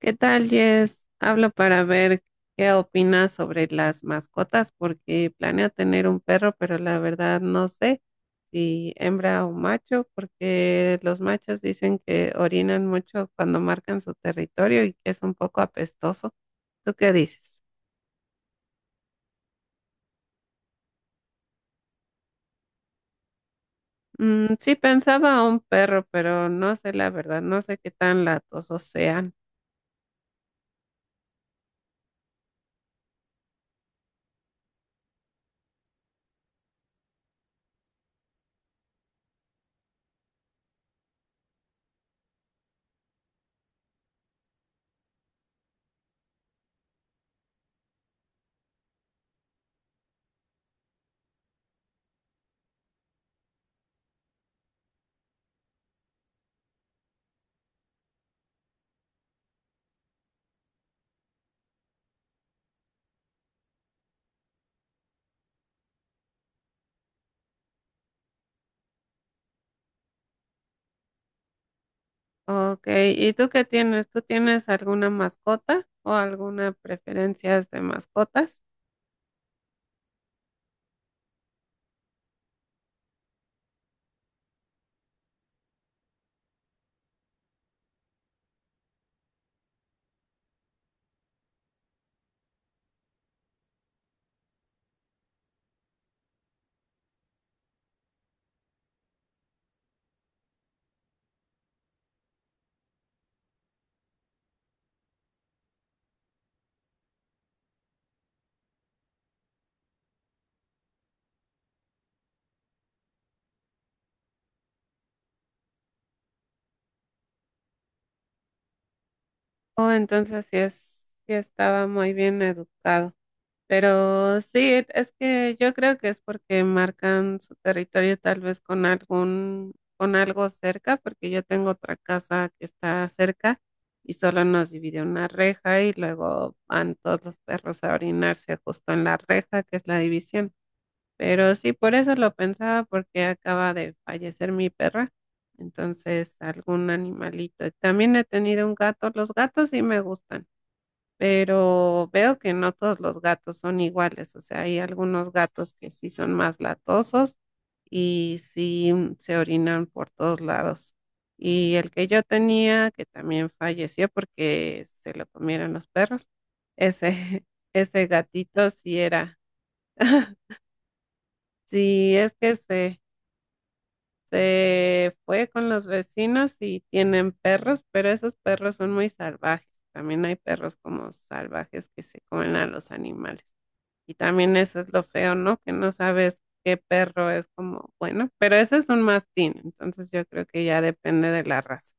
¿Qué tal, Jess? Hablo para ver qué opinas sobre las mascotas, porque planeo tener un perro, pero la verdad no sé si hembra o macho, porque los machos dicen que orinan mucho cuando marcan su territorio y que es un poco apestoso. ¿Tú qué dices? Mm, sí, pensaba un perro, pero no sé la verdad, no sé qué tan latosos sean. Ok, ¿y tú qué tienes? ¿Tú tienes alguna mascota o alguna preferencia de mascotas? Oh, entonces sí estaba muy bien educado. Pero sí, es que yo creo que es porque marcan su territorio tal vez con algún, con algo cerca, porque yo tengo otra casa que está cerca y solo nos divide una reja y luego van todos los perros a orinarse justo en la reja, que es la división. Pero sí, por eso lo pensaba, porque acaba de fallecer mi perra. Entonces, algún animalito. También he tenido un gato. Los gatos sí me gustan, pero veo que no todos los gatos son iguales. O sea, hay algunos gatos que sí son más latosos y sí se orinan por todos lados. Y el que yo tenía, que también falleció porque se lo comieron los perros, ese, ese gatito sí era. Sí, es que se fue con los vecinos y tienen perros, pero esos perros son muy salvajes. También hay perros como salvajes que se comen a los animales. Y también eso es lo feo, ¿no? Que no sabes qué perro es como bueno, pero ese es un mastín, entonces yo creo que ya depende de la raza.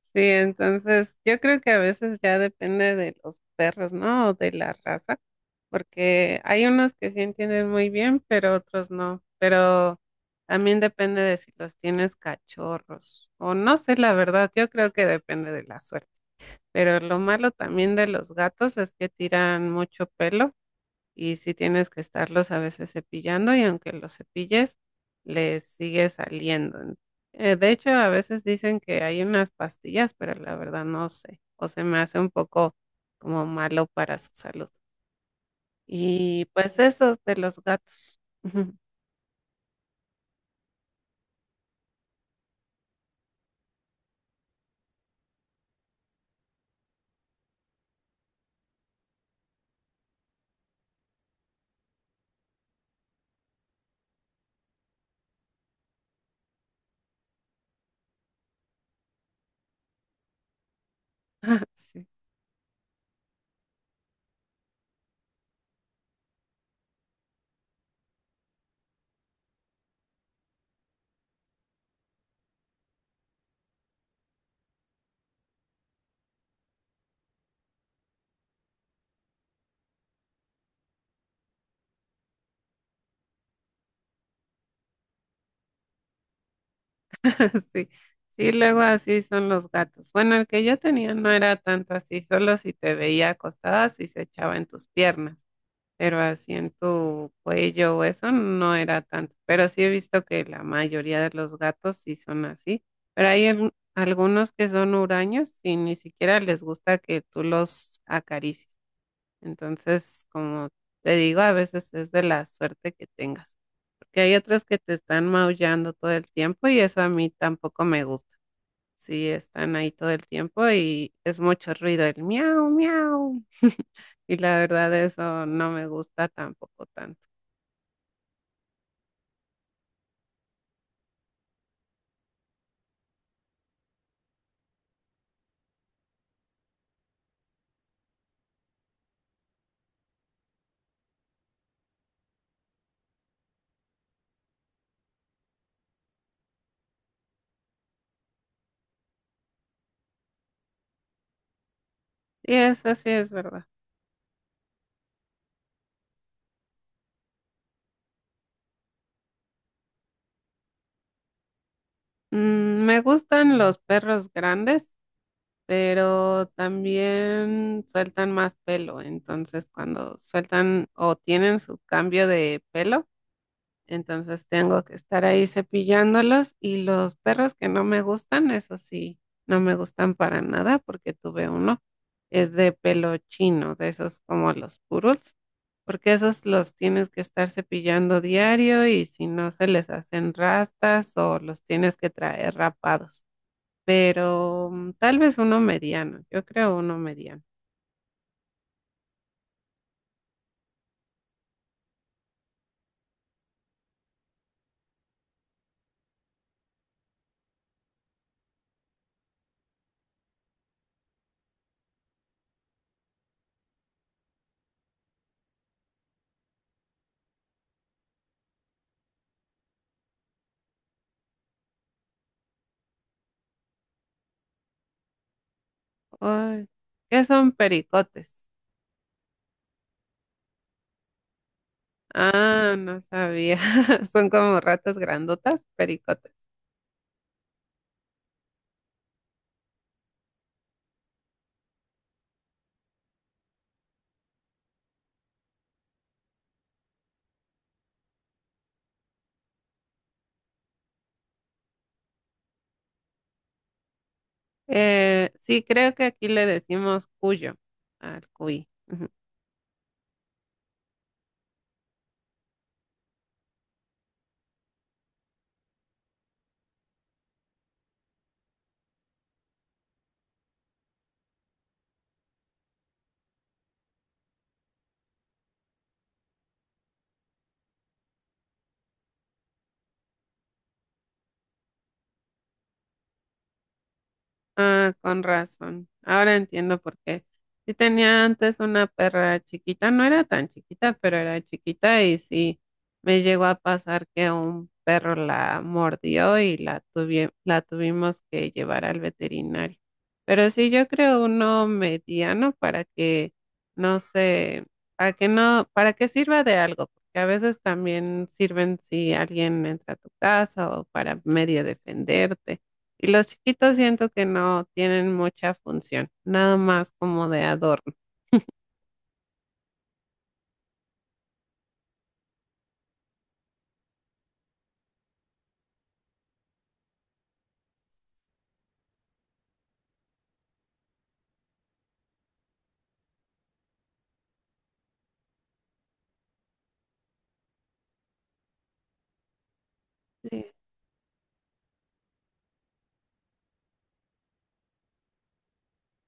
Sí, entonces yo creo que a veces ya depende de los perros, ¿no? O de la raza, porque hay unos que sí entienden muy bien, pero otros no. Pero también depende de si los tienes cachorros o no sé, la verdad, yo creo que depende de la suerte. Pero lo malo también de los gatos es que tiran mucho pelo y sí tienes que estarlos a veces cepillando y aunque los cepilles, les sigue saliendo. De hecho, a veces dicen que hay unas pastillas, pero la verdad no sé, o se me hace un poco como malo para su salud. Y pues eso de los gatos. Ujú. Sí, sí, sí, luego así son los gatos. Bueno, el que yo tenía no era tanto así, solo si te veía acostada, si se echaba en tus piernas, pero así en tu cuello o eso no era tanto. Pero sí he visto que la mayoría de los gatos sí son así. Pero hay algunos que son huraños y ni siquiera les gusta que tú los acaricies. Entonces, como te digo, a veces es de la suerte que tengas. Porque hay otros que te están maullando todo el tiempo y eso a mí tampoco me gusta. Sí, están ahí todo el tiempo y es mucho ruido, el miau, miau. Y la verdad eso no me gusta tampoco tanto. Sí, eso sí es verdad. Mm, me gustan los perros grandes, pero también sueltan más pelo. Entonces, cuando sueltan o tienen su cambio de pelo, entonces tengo que estar ahí cepillándolos y los perros que no me gustan, eso sí, no me gustan para nada porque tuve uno, es de pelo chino, de esos como los poodles, porque esos los tienes que estar cepillando diario y si no se les hacen rastas o los tienes que traer rapados. Pero mm, tal vez uno mediano, yo creo uno mediano. Ay, ¿qué son pericotes? Ah, no sabía. Son como ratas grandotas, pericotas. Sí, creo que aquí le decimos cuyo al cuy. Ah, con razón. Ahora entiendo por qué. Sí tenía antes una perra chiquita, no era tan chiquita, pero era chiquita y sí me llegó a pasar que un perro la mordió y la tuvimos que llevar al veterinario. Pero sí, yo creo uno mediano para que no sé, para que no, para que sirva de algo, porque a veces también sirven si alguien entra a tu casa o para medio defenderte. Y los chiquitos siento que no tienen mucha función, nada más como de adorno. Sí.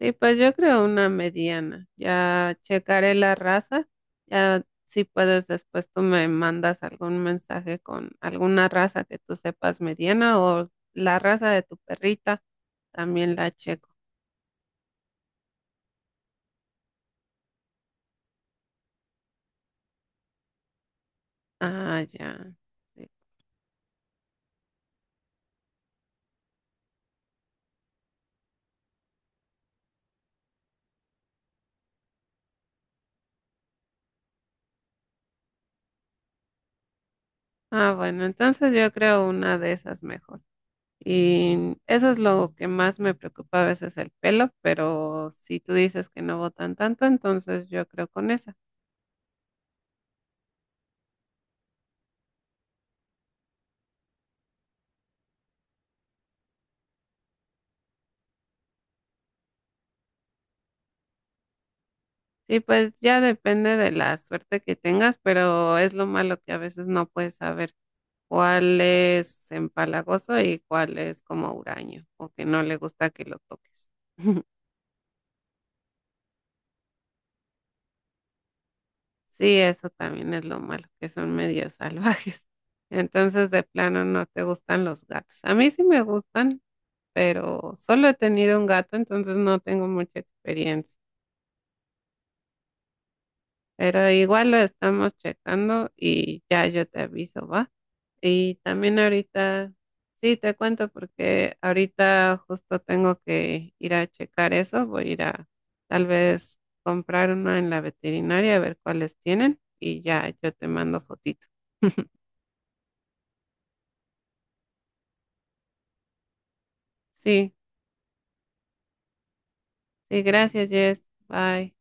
Y pues yo creo una mediana. Ya checaré la raza. Ya si puedes después tú me mandas algún mensaje con alguna raza que tú sepas mediana o la raza de tu perrita, también la checo. Ah, ya. Sí. Ah, bueno, entonces yo creo una de esas mejor. Y eso es lo que más me preocupa a veces el pelo, pero si tú dices que no botan tanto, entonces yo creo con esa. Sí, pues ya depende de la suerte que tengas, pero es lo malo que a veces no puedes saber cuál es empalagoso y cuál es como huraño o que no le gusta que lo toques. Sí, eso también es lo malo, que son medio salvajes. Entonces, de plano no te gustan los gatos. A mí sí me gustan, pero solo he tenido un gato, entonces no tengo mucha experiencia. Pero igual lo estamos checando y ya yo te aviso, ¿va? Y también ahorita, sí, te cuento porque ahorita justo tengo que ir a checar eso. Voy a ir a tal vez comprar una en la veterinaria a ver cuáles tienen y ya yo te mando fotito. Sí, sí, gracias, Jess. Bye.